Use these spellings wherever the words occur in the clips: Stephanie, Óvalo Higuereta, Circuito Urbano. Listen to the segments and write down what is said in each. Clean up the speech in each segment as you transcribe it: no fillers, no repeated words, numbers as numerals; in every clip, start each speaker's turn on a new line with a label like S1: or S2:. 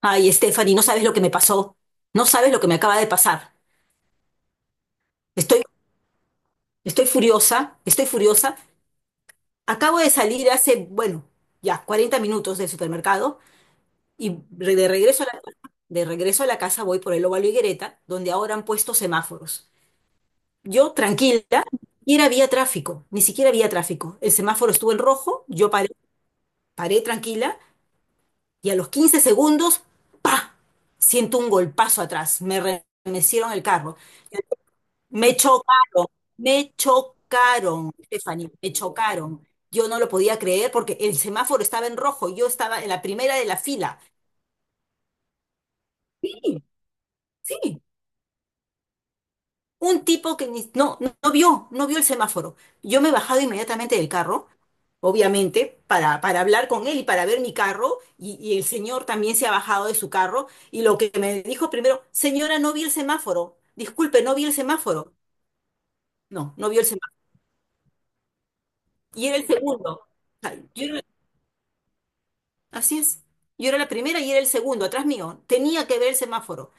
S1: Ay, Stephanie, no sabes lo que me pasó. No sabes lo que me acaba de pasar. Estoy, estoy furiosa, estoy furiosa. Acabo de salir hace, bueno, ya 40 minutos del supermercado y de regreso a la casa voy por el Óvalo Higuereta, donde ahora han puesto semáforos. Yo, tranquila, ni siquiera había tráfico, ni siquiera había tráfico. El semáforo estuvo en rojo, yo paré tranquila y a los 15 segundos, ¡pa! Siento un golpazo atrás. Me remecieron el carro. Me chocaron, me chocaron, Stephanie, me chocaron. Yo no lo podía creer porque el semáforo estaba en rojo, yo estaba en la primera de la fila. Sí, sí. Un tipo que no vio el semáforo. Yo me he bajado inmediatamente del carro, obviamente, para hablar con él y para ver mi carro, y el señor también se ha bajado de su carro, y lo que me dijo primero, señora, no vi el semáforo, disculpe, no vi el semáforo. No, no vio el semáforo. Y era el segundo. O sea, yo era así es. Yo era la primera y era el segundo, atrás mío. Tenía que ver el semáforo.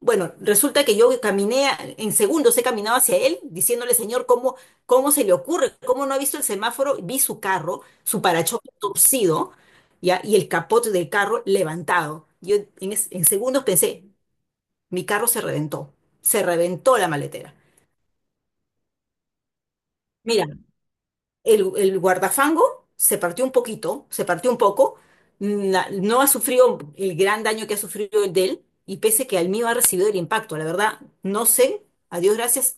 S1: Bueno, resulta que yo caminé, en segundos he caminado hacia él, diciéndole, señor, ¿cómo se le ocurre? ¿Cómo no ha visto el semáforo? Vi su carro, su parachoques torcido, ¿ya? Y el capot del carro levantado. En segundos pensé, mi carro se reventó. Se reventó la maletera. Mira, el guardafango se partió un poquito, se partió un poco, no ha sufrido el gran daño que ha sufrido el de él, y pese que al mío ha recibido el impacto, la verdad, no sé, a Dios gracias,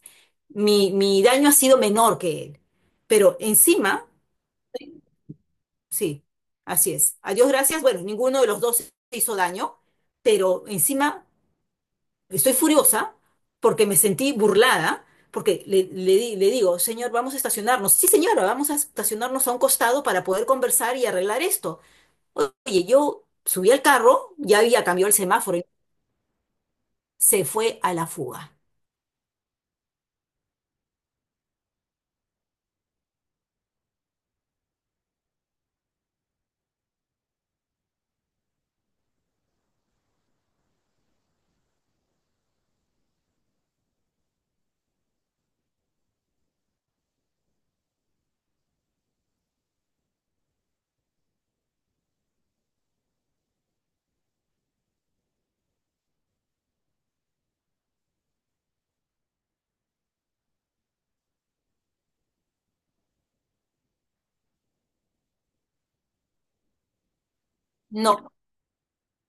S1: mi daño ha sido menor que él. Pero encima, sí, así es. A Dios gracias, bueno, ninguno de los dos se hizo daño, pero encima estoy furiosa porque me sentí burlada, porque le digo, señor, vamos a estacionarnos. Sí, señora, vamos a estacionarnos a un costado para poder conversar y arreglar esto. Oye, yo subí al carro, ya había cambiado el semáforo, y se fue a la fuga. No,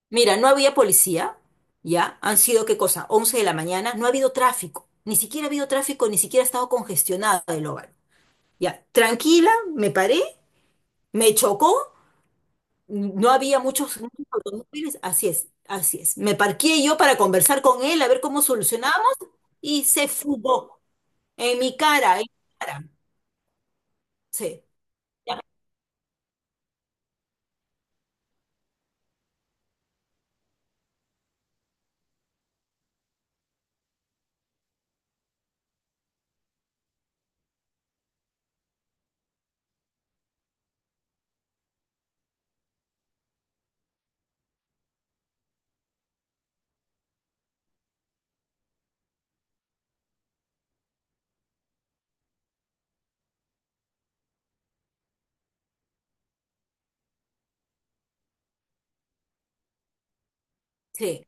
S1: mira, no había policía, ya, han sido, ¿qué cosa? 11 de la mañana, no ha habido tráfico, ni siquiera ha habido tráfico, ni siquiera ha estado congestionado el hogar. Ya, tranquila, me paré, me chocó. No había muchos, muchos automóviles, así es, así es. Me parqué yo para conversar con él, a ver cómo solucionamos, y se fugó en mi cara, en mi cara. Sí, ya, sí.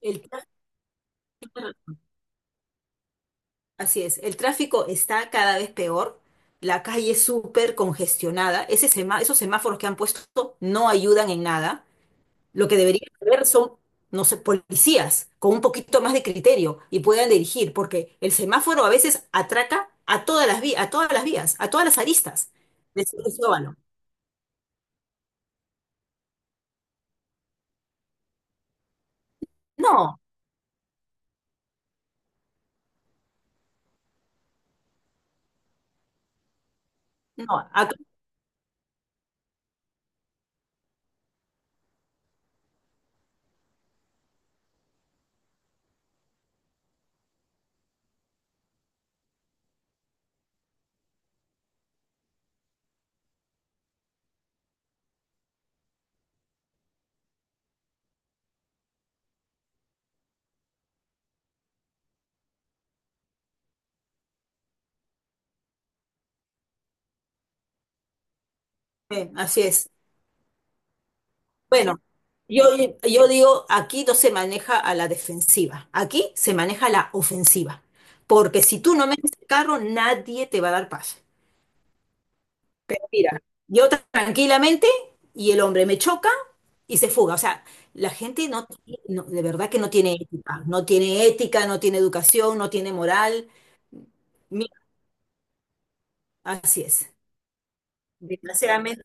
S1: El tra- Así es, el tráfico está cada vez peor, la calle es súper congestionada, esos semáforos que han puesto no ayudan en nada. Lo que deberían haber son, no sé, policías con un poquito más de criterio y puedan dirigir, porque el semáforo a veces atraca a todas las vías, a todas las vías, a todas las aristas de Circuito Urbano. No, no, acá- así es. Bueno, yo, yo digo, aquí no se maneja a la defensiva, aquí se maneja a la ofensiva, porque si tú no metes el carro, nadie te va a dar paz. Pero mira, yo tranquilamente y el hombre me choca y se fuga. O sea, la gente de verdad que no tiene ética, no tiene ética, no tiene educación, no tiene moral. Mira, así es. Desgraciadamente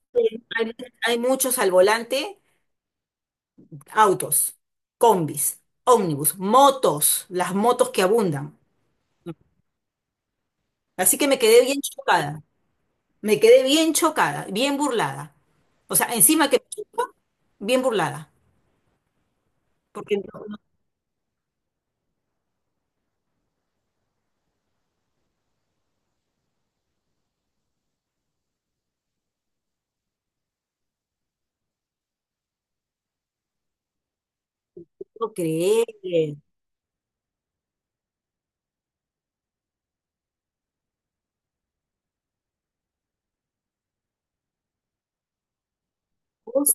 S1: hay, hay muchos al volante, autos, combis, ómnibus, motos, las motos que abundan. Así que me quedé bien chocada, me quedé bien chocada, bien burlada. O sea, encima que me chocó, bien burlada, porque no, no puedo creer. cosa,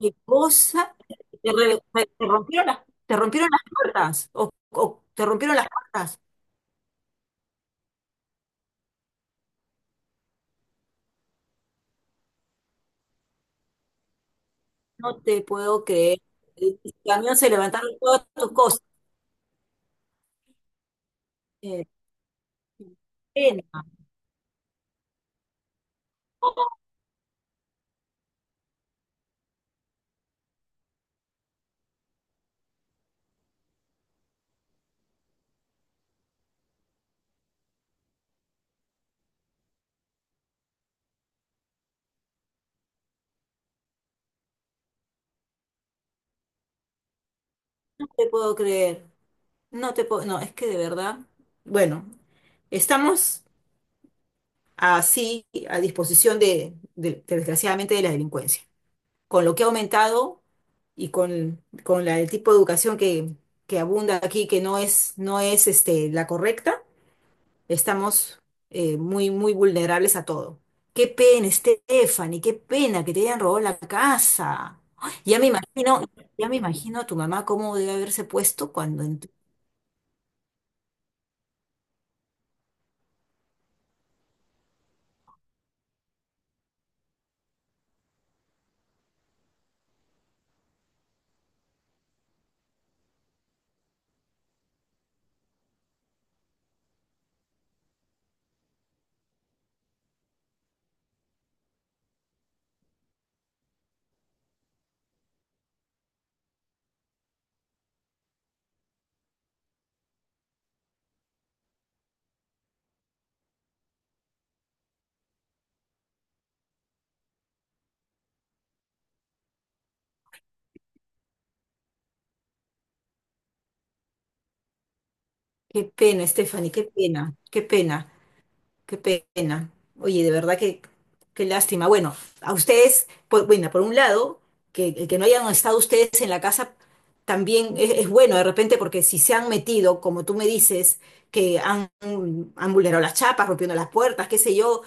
S1: Qué cosa, te, re- te- te rompieron las, te rompieron las puertas, o te rompieron las puertas. No te puedo creer. El camión se levantaron todas tus cosas. Eh, Pena, no te puedo creer. No te puedo, no, es que de verdad, bueno, estamos así a disposición desgraciadamente, de la delincuencia. Con lo que ha aumentado y el tipo de educación que abunda aquí, que no es, no es este, la correcta, estamos muy, muy vulnerables a todo. Qué pena, Stephanie, qué pena que te hayan robado la casa. Ay, ya me imagino, ya me imagino a tu mamá cómo debe haberse puesto cuando entró. Qué pena, Stephanie, qué pena, qué pena. Qué pena. Oye, de verdad que qué lástima. Bueno, a ustedes, bueno, por un lado, que el que no hayan estado ustedes en la casa también es bueno de repente porque si se han metido, como tú me dices, que han vulnerado las chapas, rompiendo las puertas, qué sé yo,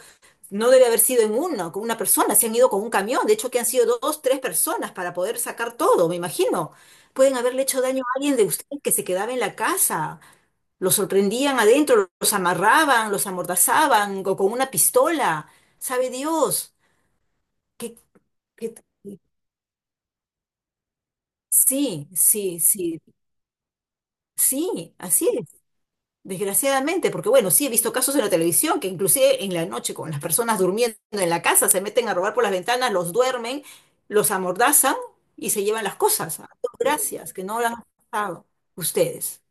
S1: no debe haber sido en una con una persona, se han ido con un camión, de hecho que han sido dos, tres personas para poder sacar todo, me imagino. Pueden haberle hecho daño a alguien de ustedes que se quedaba en la casa. Los sorprendían adentro, los amarraban, los amordazaban o con una pistola. ¿Sabe Dios? que qué- Sí, sí, sí, sí, así es. Desgraciadamente, porque bueno, sí he visto casos en la televisión que inclusive en la noche con las personas durmiendo en la casa se meten a robar por las ventanas, los duermen, los amordazan y se llevan las cosas. Ah, no, gracias, que no lo han pasado ustedes.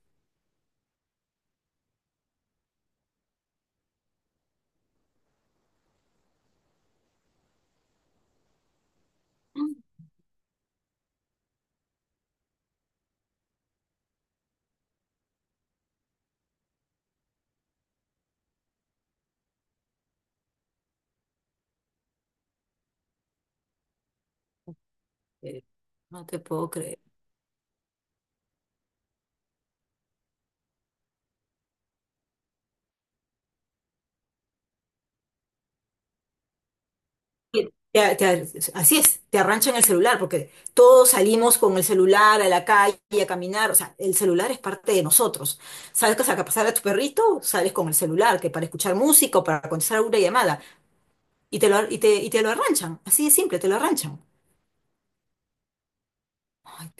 S1: Mm. eh, No te puedo creer. te- te- Así es, te arranchan el celular, porque todos salimos con el celular a la calle a caminar, o sea, el celular es parte de nosotros. Sabes que a pasar a tu perrito, sales con el celular, que para escuchar música o para contestar alguna llamada, y te lo, ar- y te lo arranchan, así de simple, te lo arranchan. Ay,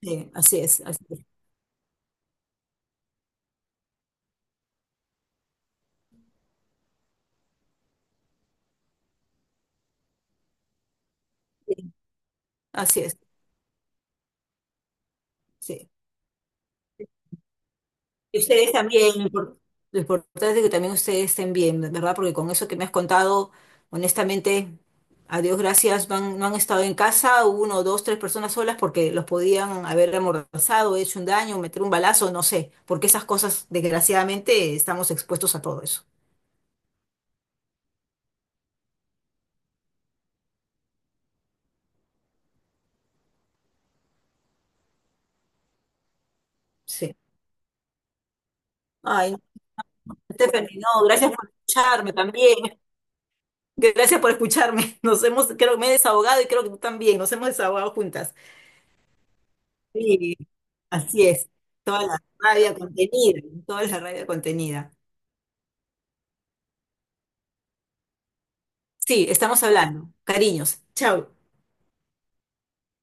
S1: sí, así es, sí, así es, sí. Y ustedes también, lo importante es que también ustedes estén bien, ¿verdad? Porque con eso que me has contado, honestamente, a Dios gracias, no han estado en casa, uno, dos, tres personas solas, porque los podían haber amordazado, hecho un daño, meter un balazo, no sé, porque esas cosas, desgraciadamente, estamos expuestos a todo eso. Sí. Ay, no, Stephanie, no, gracias por escucharme también. Gracias por escucharme. Creo que me he desahogado y creo que tú también, nos hemos desahogado juntas. Sí, así es. Toda la rabia contenida, toda la rabia contenida. Sí, estamos hablando. Cariños. Chao.